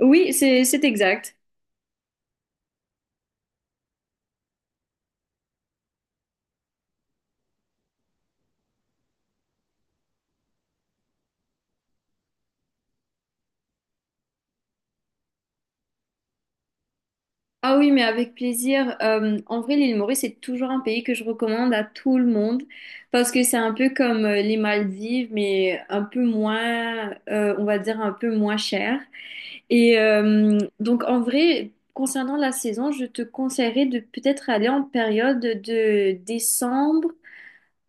Oui, c'est exact. Ah oui, mais avec plaisir. En vrai, l'île Maurice, c'est toujours un pays que je recommande à tout le monde parce que c'est un peu comme les Maldives, mais un peu moins, on va dire un peu moins cher. Et donc, en vrai, concernant la saison, je te conseillerais de peut-être aller en période de décembre,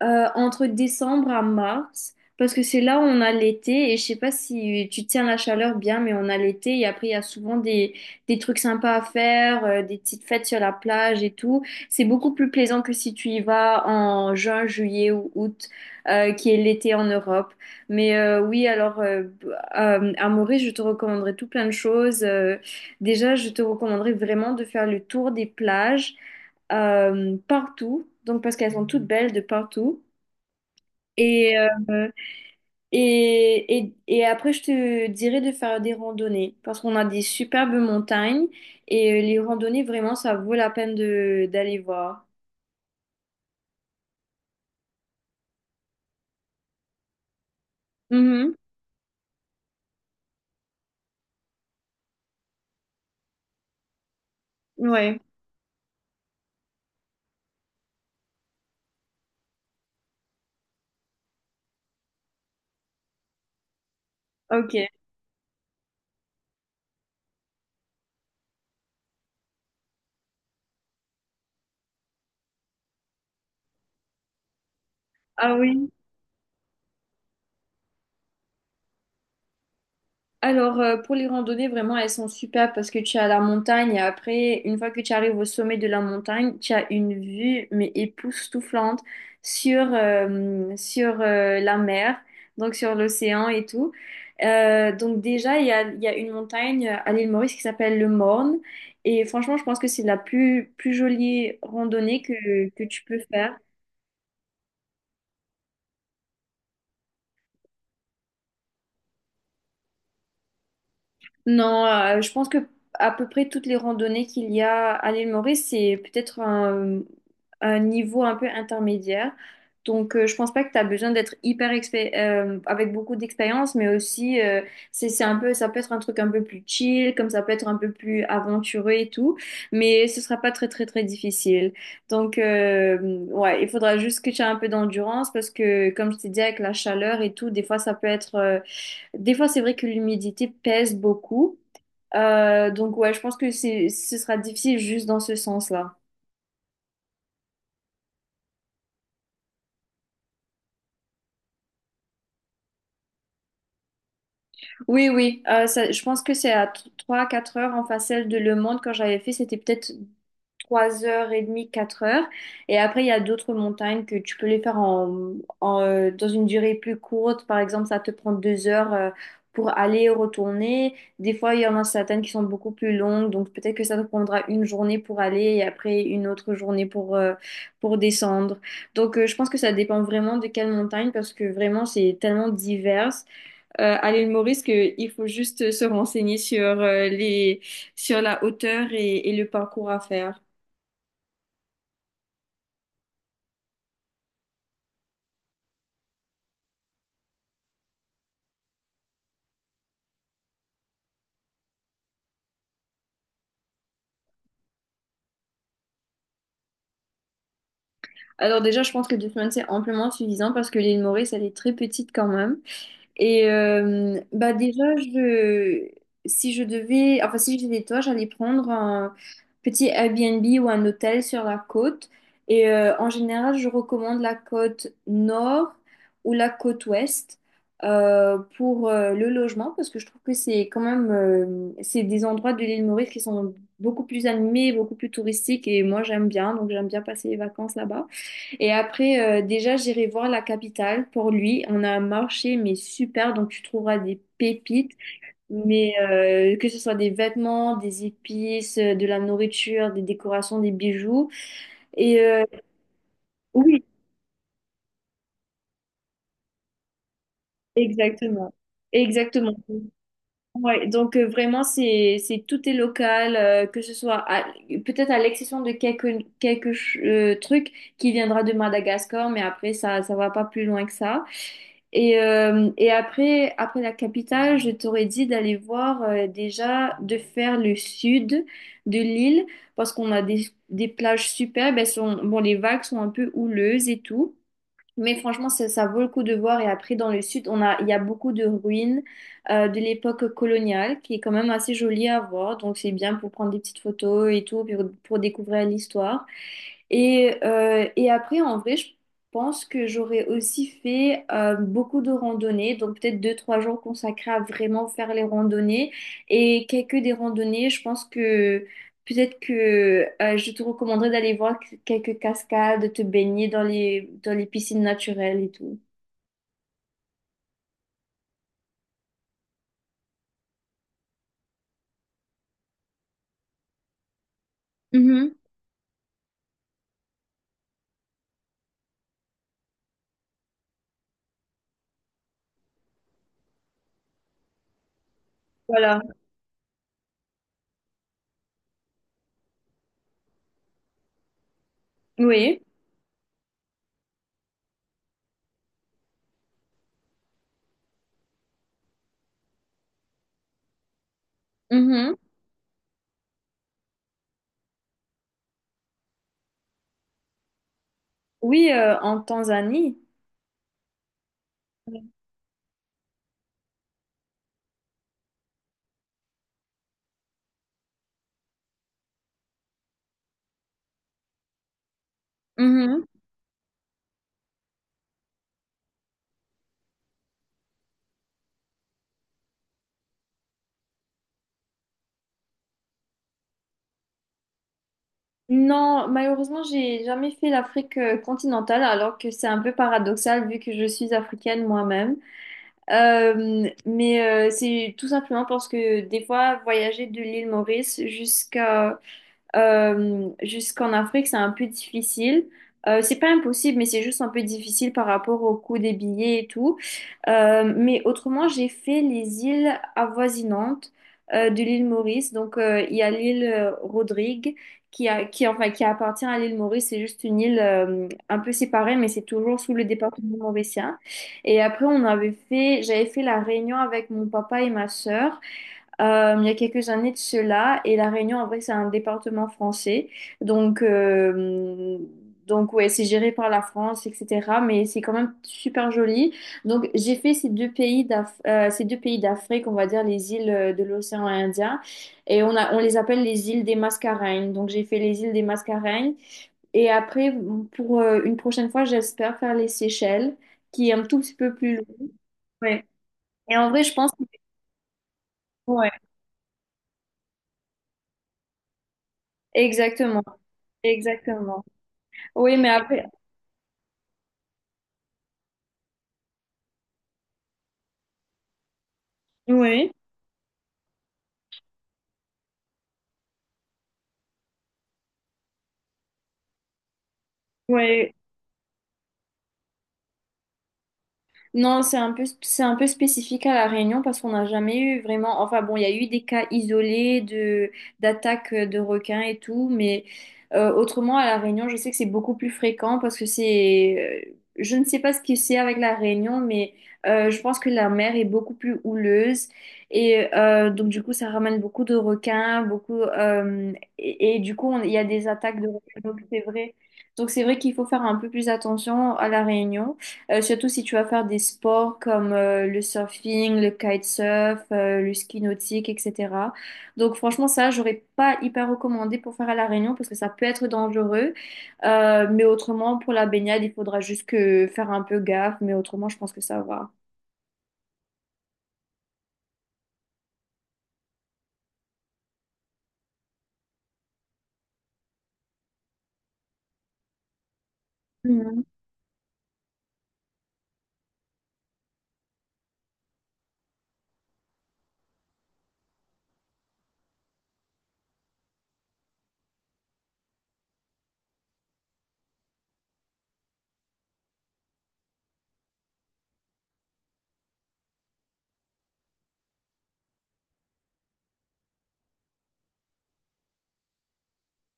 Entre décembre à mars, parce que c'est là où on a l'été, et je sais pas si tu tiens la chaleur bien, mais on a l'été, et après il y a souvent des trucs sympas à faire, des petites fêtes sur la plage et tout. C'est beaucoup plus plaisant que si tu y vas en juin, juillet ou août, qui est l'été en Europe. Mais oui, alors à Maurice, je te recommanderais tout plein de choses. Déjà, je te recommanderais vraiment de faire le tour des plages partout, donc parce qu'elles sont toutes belles de partout. Et, euh, et après, je te dirais de faire des randonnées parce qu'on a des superbes montagnes et les randonnées, vraiment, ça vaut la peine de d'aller voir. Mhm. Ouais, ok. Ah oui. Alors, pour les randonnées, vraiment, elles sont super parce que tu es à la montagne et après, une fois que tu arrives au sommet de la montagne, tu as une vue, mais époustouflante sur, la mer, donc sur l'océan et tout. Donc déjà, il y a une montagne à l'île Maurice qui s'appelle le Morne et franchement, je pense que c'est la plus jolie randonnée que tu peux faire. Non, je pense que à peu près toutes les randonnées qu'il y a à l'île Maurice, c'est un niveau un peu intermédiaire. Donc, je pense pas que tu as besoin d'être avec beaucoup d'expérience, mais aussi c'est un peu, ça peut être un truc un peu plus chill, comme ça peut être un peu plus aventureux et tout, mais ce sera pas très très très difficile. Donc ouais, il faudra juste que tu aies un peu d'endurance parce que comme je t'ai dit avec la chaleur et tout, des fois ça peut être des fois c'est vrai que l'humidité pèse beaucoup. Donc ouais, je pense que ce sera difficile juste dans ce sens-là. Oui, oui, je pense que c'est à trois quatre heures en facial de Le Monde. Quand j'avais fait, c'était peut-être 3 heures et demie, 4 heures. Et après, il y a d'autres montagnes que tu peux les faire dans une durée plus courte. Par exemple, ça te prend 2 heures pour aller et retourner. Des fois, il y en a certaines qui sont beaucoup plus longues. Donc, peut-être que ça te prendra une journée pour aller et après une autre journée pour descendre. Donc, je pense que ça dépend vraiment de quelle montagne parce que vraiment, c'est tellement divers. À l'île Maurice, que il faut juste se renseigner sur, sur la hauteur et le parcours à faire. Alors déjà, je pense que deux semaines, c'est amplement suffisant parce que l'île Maurice, elle est très petite quand même. Et euh, bah déjà, je, Si je devais, enfin si j'étais toi, j'allais prendre un petit Airbnb ou un hôtel sur la côte. En général, je recommande la côte nord ou la côte ouest pour le logement parce que je trouve que c'est des endroits de l'île Maurice qui sont beaucoup plus animés, beaucoup plus touristiques. Et moi, j'aime bien, donc j'aime bien passer les vacances là-bas. Et après, déjà, j'irai voir la capitale pour lui. On a un marché, mais super, donc tu trouveras des pépites, mais que ce soit des vêtements, des épices, de la nourriture, des décorations, des bijoux. Et euh, oui, exactement. Exactement. Ouais, donc vraiment c'est tout est local, que ce soit à-, peut-être à l'exception de quelques quelques trucs qui viendra de Madagascar, mais après ça va pas plus loin que ça. Et après la capitale, je t'aurais dit d'aller voir, déjà de faire le sud de l'île parce qu'on a des plages superbes, elles sont bon les vagues sont un peu houleuses et tout. Mais franchement, ça vaut le coup de voir. Et après, dans le sud, il y a beaucoup de ruines de l'époque coloniale qui est quand même assez jolie à voir. Donc, c'est bien pour prendre des petites photos et tout, puis pour découvrir l'histoire. Et après, en vrai, je pense que j'aurais aussi fait beaucoup de randonnées, donc peut-être deux, trois jours consacrés à vraiment faire les randonnées. Et quelques des randonnées, je pense que peut-être que je te recommanderais d'aller voir quelques cascades, de te baigner dans dans les piscines naturelles et tout. Mhm. Voilà. Oui. Mhm. Oui, en Tanzanie. Mhm. Non, malheureusement, j'ai jamais fait l'Afrique continentale, alors que c'est un peu paradoxal vu que je suis africaine moi-même. Mais c'est tout simplement parce que des fois, voyager de l'île Maurice jusqu'en Afrique, c'est un peu difficile. C'est pas impossible, mais c'est juste un peu difficile par rapport au coût des billets et tout. Mais autrement, j'ai fait les îles avoisinantes de l'île Maurice. Donc, il y a l'île Rodrigue qui, enfin, qui appartient à l'île Maurice. C'est juste une île un peu séparée, mais c'est toujours sous le département mauricien. Et après, j'avais fait la Réunion avec mon papa et ma sœur il y a quelques années de cela. Et La Réunion, en vrai, c'est un département français. Donc, euh, donc ouais, c'est géré par la France, etc. Mais c'est quand même super joli. Donc, j'ai fait ces ces deux pays d'Afrique, on va dire les îles de l'océan Indien. On les appelle les îles des Mascareignes. Donc, j'ai fait les îles des Mascareignes. Et après, pour une prochaine fois, j'espère faire les Seychelles, qui est un tout petit peu plus loin. Ouais. Et en vrai, je pense que… Ouais, exactement, exactement. Oui, mais après, oui, oui. Non, c'est un peu spécifique à La Réunion parce qu'on n'a jamais eu vraiment. Enfin bon, il y a eu des cas isolés de d'attaques de requins et tout, mais autrement à La Réunion, je sais que c'est beaucoup plus fréquent parce que c'est… je ne sais pas ce que c'est avec La Réunion, mais je pense que la mer est beaucoup plus houleuse et donc du coup ça ramène beaucoup de requins, et du coup il y a des attaques de requins. Donc c'est vrai. Donc c'est vrai qu'il faut faire un peu plus attention à La Réunion. Surtout si tu vas faire des sports comme le surfing, le kitesurf, le ski nautique, etc. Donc franchement, ça, j'aurais pas hyper recommandé pour faire à La Réunion parce que ça peut être dangereux. Mais autrement, pour la baignade, il faudra juste que faire un peu gaffe. Mais autrement, je pense que ça va.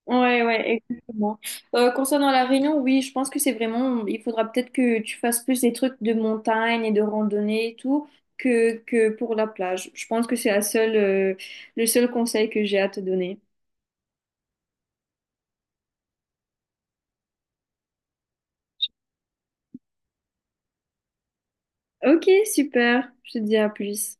Ouais, ouais, exactement. Concernant la Réunion, oui, je pense que c'est vraiment, il faudra peut-être que tu fasses plus des trucs de montagne et de randonnée et tout que pour la plage. Je pense que c'est la seule, Le seul conseil que j'ai à te donner. Ok, super. Je te dis à plus.